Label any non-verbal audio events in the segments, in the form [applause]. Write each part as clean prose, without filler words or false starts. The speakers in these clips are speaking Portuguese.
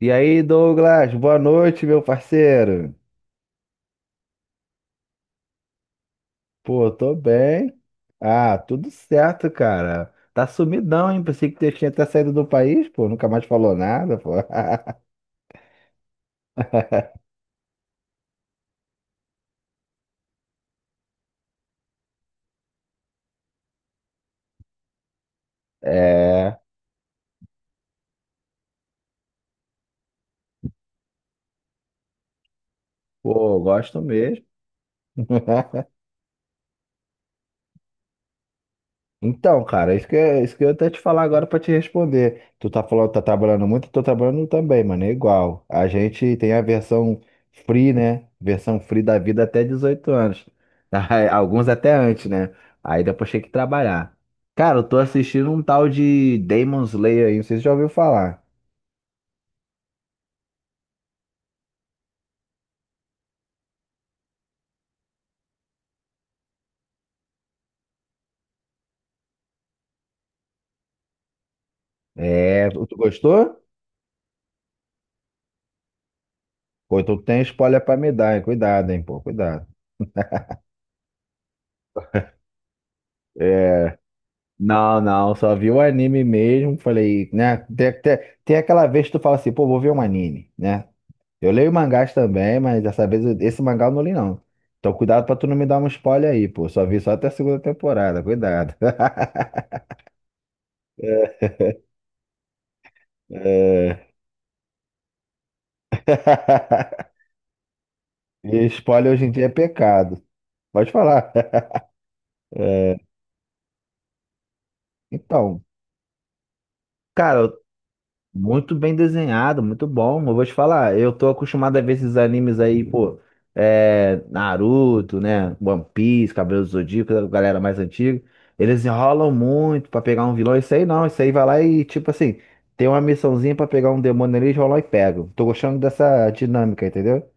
E aí, Douglas, boa noite, meu parceiro. Pô, tô bem. Ah, tudo certo, cara. Tá sumidão, hein? Pensei que você tinha até saído do país, pô. Nunca mais falou nada, pô. [laughs] É, pô, gosto mesmo. [laughs] Então, cara, isso que eu ia até te falar agora pra te responder. Tu tá falando, tá trabalhando muito, eu tô trabalhando também, mano, é igual. A gente tem a versão free, né? Versão free da vida até 18 anos. [laughs] Aí, alguns até antes, né? Aí depois tem que trabalhar. Cara, eu tô assistindo um tal de Demon Slayer aí, não sei se você já ouviu falar. É, tu gostou? Pô, então tem spoiler pra me dar, hein? Cuidado, hein, pô, cuidado. É, não, não, só vi o anime mesmo. Falei, né? Tem aquela vez que tu fala assim, pô, vou ver um anime, né? Eu leio mangás também, mas esse mangá eu não li, não. Então cuidado pra tu não me dar um spoiler aí, pô. Só vi só até a segunda temporada, cuidado. [laughs] É. [laughs] E spoiler hoje em dia é pecado. Pode falar. [laughs] Então, cara, muito bem desenhado, muito bom. Eu vou te falar, eu tô acostumado a ver esses animes aí, pô, é, Naruto, né? One Piece, Cavaleiros do Zodíaco, a galera mais antiga. Eles enrolam muito pra pegar um vilão. Isso aí não, isso aí vai lá e, tipo assim, tem uma missãozinha pra pegar um demônio ali, eles vão lá e pegam. Tô gostando dessa dinâmica, entendeu?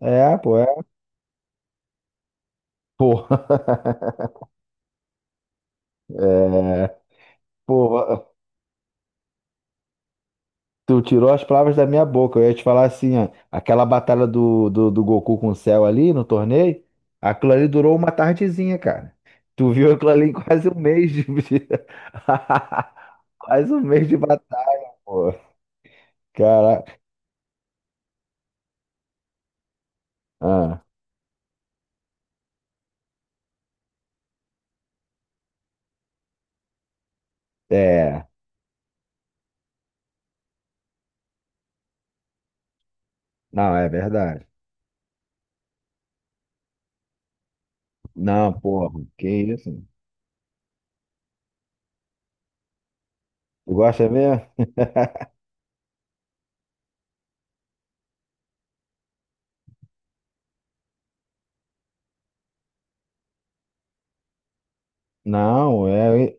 É, pô, é. Pô. [laughs] É, pô. Tu tirou as palavras da minha boca. Eu ia te falar assim, ó, aquela batalha do Goku com o Cell ali no torneio, aquilo ali durou uma tardezinha, cara. Tu viu aquilo ali em [laughs] quase um mês de... [laughs] quase um mês de batalha, pô. Caraca. Ah, é. Não, é verdade. Não, porra, que isso? Tu gosta mesmo? Não, é.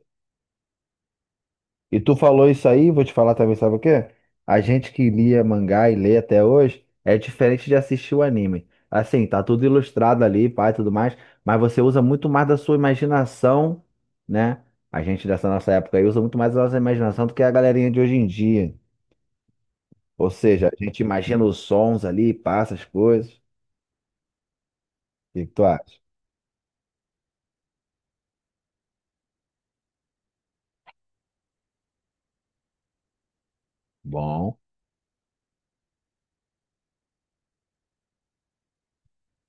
E tu falou isso aí, vou te falar também, sabe o quê? A gente que lia mangá e lê até hoje é diferente de assistir o anime. Assim, tá tudo ilustrado ali, pai, tudo mais, mas você usa muito mais da sua imaginação, né? A gente dessa nossa época aí usa muito mais da nossa imaginação do que a galerinha de hoje em dia. Ou seja, a gente imagina os sons ali, passa as coisas. O que que tu acha? Bom.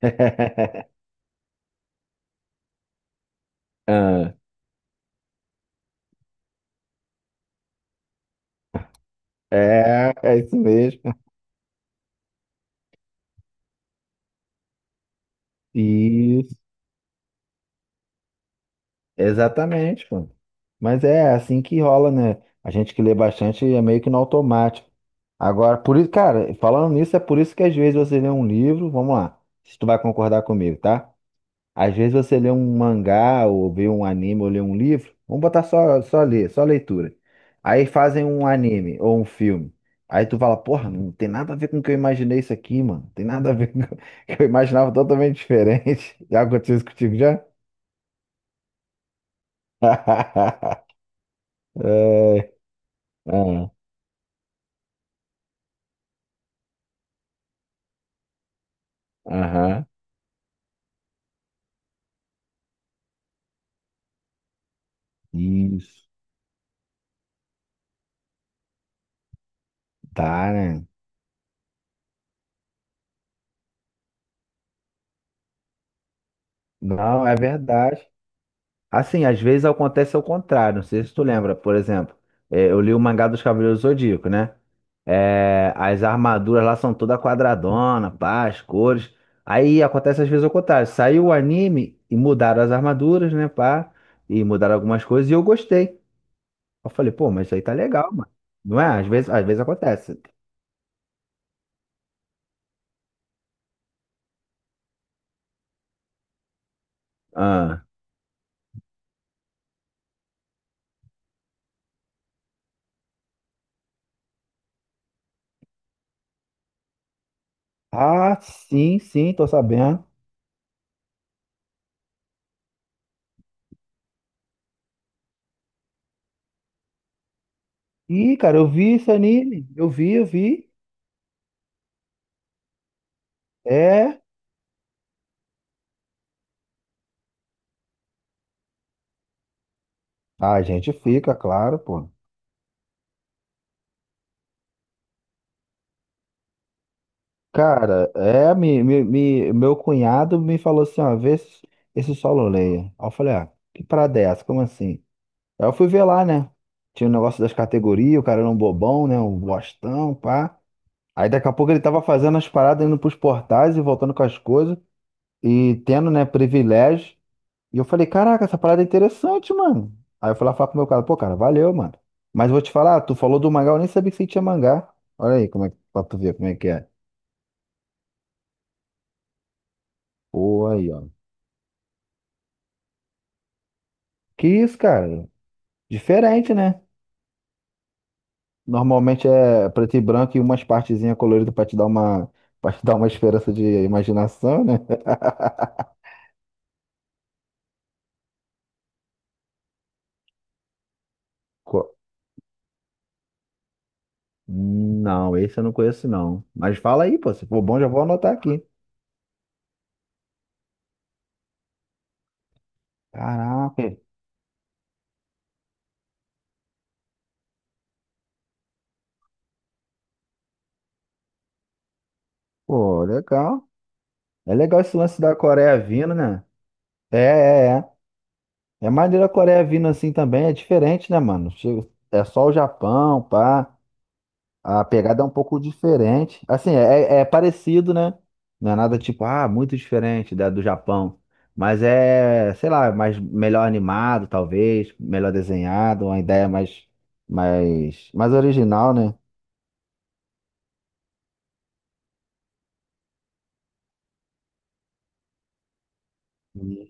[laughs] Ah, é, é isso mesmo. Isso. Exatamente, pô. Mas é assim que rola, né? A gente que lê bastante é meio que no automático. Agora, por isso, cara, falando nisso, é por isso que às vezes você lê um livro, vamos lá, se tu vai concordar comigo, tá? Às vezes você lê um mangá, ou vê um anime, ou lê um livro, vamos botar só, só ler, só leitura. Aí fazem um anime ou um filme. Aí tu fala, porra, não tem nada a ver com o que eu imaginei isso aqui, mano. Não tem nada a ver [laughs] com o que eu imaginava totalmente diferente. [laughs] Já aconteceu isso contigo já? [laughs] É, ah, aham. Isso. Tá, né? Não, é verdade. Assim, às vezes acontece ao contrário. Não sei se tu lembra, por exemplo, é, eu li o mangá dos Cavaleiros do Zodíaco, né? É, as armaduras lá são toda quadradona, pá, as cores. Aí acontece às vezes ao contrário. Saiu o anime e mudaram as armaduras, né, pá? E mudaram algumas coisas e eu gostei. Eu falei, pô, mas isso aí tá legal, mano. Não é? Às vezes acontece. Ah, ah, sim, sim, tô sabendo. Ih, cara, eu vi esse anime. Eu vi, eu vi. É. A gente fica, claro, pô. Cara, é, meu cunhado me falou assim, ó, vê esse, esse Solo Leia. Aí eu falei, ah, que parada é essa? Como assim? Aí eu fui ver lá, né? Tinha o negócio das categorias, o cara era um bobão, né? Um bostão, pá. Aí daqui a pouco ele tava fazendo as paradas, indo pros portais e voltando com as coisas. E tendo, né, privilégio. E eu falei, caraca, essa parada é interessante, mano. Aí eu fui lá falar pro meu cara, pô, cara, valeu, mano. Mas vou te falar, tu falou do mangá, eu nem sabia que você tinha mangá. Olha aí, pra tu ver como é que é. Pô, aí, ó. Que isso, cara? Diferente, né? Normalmente é preto e branco e umas partezinhas coloridas pra te dar uma, pra te dar uma esperança de imaginação, né? Co- Não, esse eu não conheço, não. Mas fala aí, pô, se for bom, já vou anotar aqui. Caraca, pô, legal. É legal esse lance da Coreia vindo, né? É, é, é. É maneiro a Coreia vindo assim também, é diferente, né, mano? É só o Japão, pá. A pegada é um pouco diferente. Assim, é, é parecido, né? Não é nada tipo, ah, muito diferente da do Japão. Mas é, sei lá, mais melhor animado, talvez, melhor desenhado, uma ideia mais, mais original, né?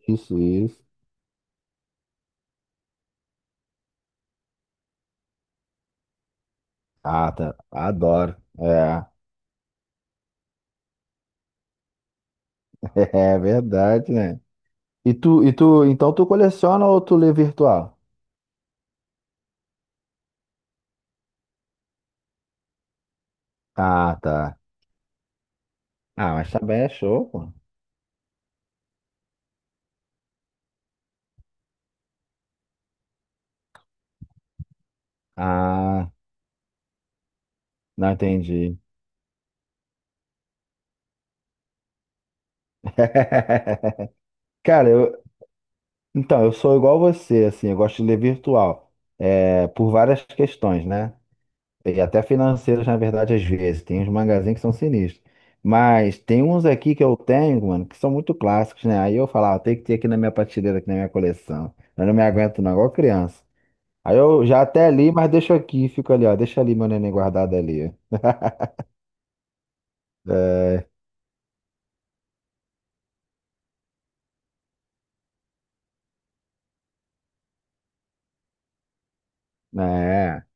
Isso, isso. Ah, tá. Adoro. É, [laughs] é verdade, né? Então tu coleciona ou tu lê virtual? Ah, tá. Ah, mas também é show, pô. Ah, não entendi. [laughs] Cara, eu, então, eu sou igual você, assim, eu gosto de ler virtual, é, por várias questões, né? E até financeiras, na verdade, às vezes. Tem uns magazines que são sinistros. Mas tem uns aqui que eu tenho, mano, que são muito clássicos, né? Aí eu falo, ah, tem que ter aqui na minha prateleira, aqui na minha coleção. Eu não me aguento não, igual criança. Aí eu já até li, mas deixo aqui, fico ali, ó, deixa ali meu neném guardado ali. É, é.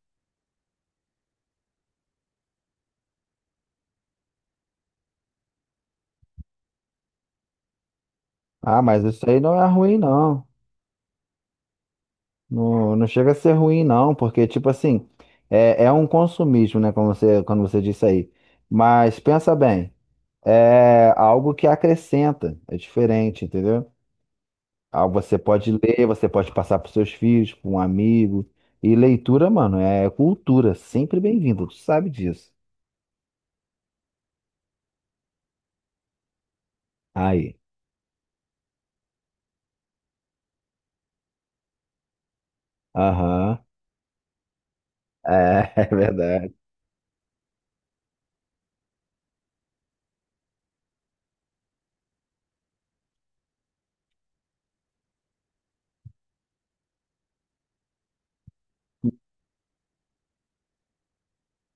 Ah, mas isso aí não é ruim, não. Não, não chega a ser ruim, não, porque, tipo assim, é, é um consumismo, né? Como você, quando você disse aí. Mas pensa bem, é algo que acrescenta, é diferente, entendeu? Ah, você pode ler, você pode passar para seus filhos, para um amigo. E leitura, mano, é cultura, sempre bem-vinda, tu sabe disso. Aí, aham, é, [laughs] é verdade.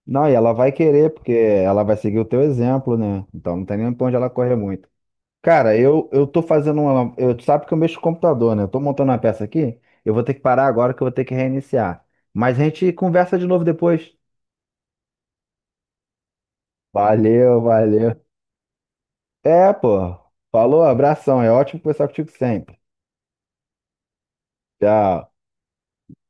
Não, e ela vai querer, porque ela vai seguir o teu exemplo, né? Então não tem nem pra onde ela correr muito. Cara, eu tô fazendo uma. Eu, tu sabe que eu mexo com o computador, né? Eu tô montando uma peça aqui. Eu vou ter que parar agora que eu vou ter que reiniciar. Mas a gente conversa de novo depois. Valeu, valeu. É, pô. Falou, abração. É ótimo conversar contigo sempre. Tchau.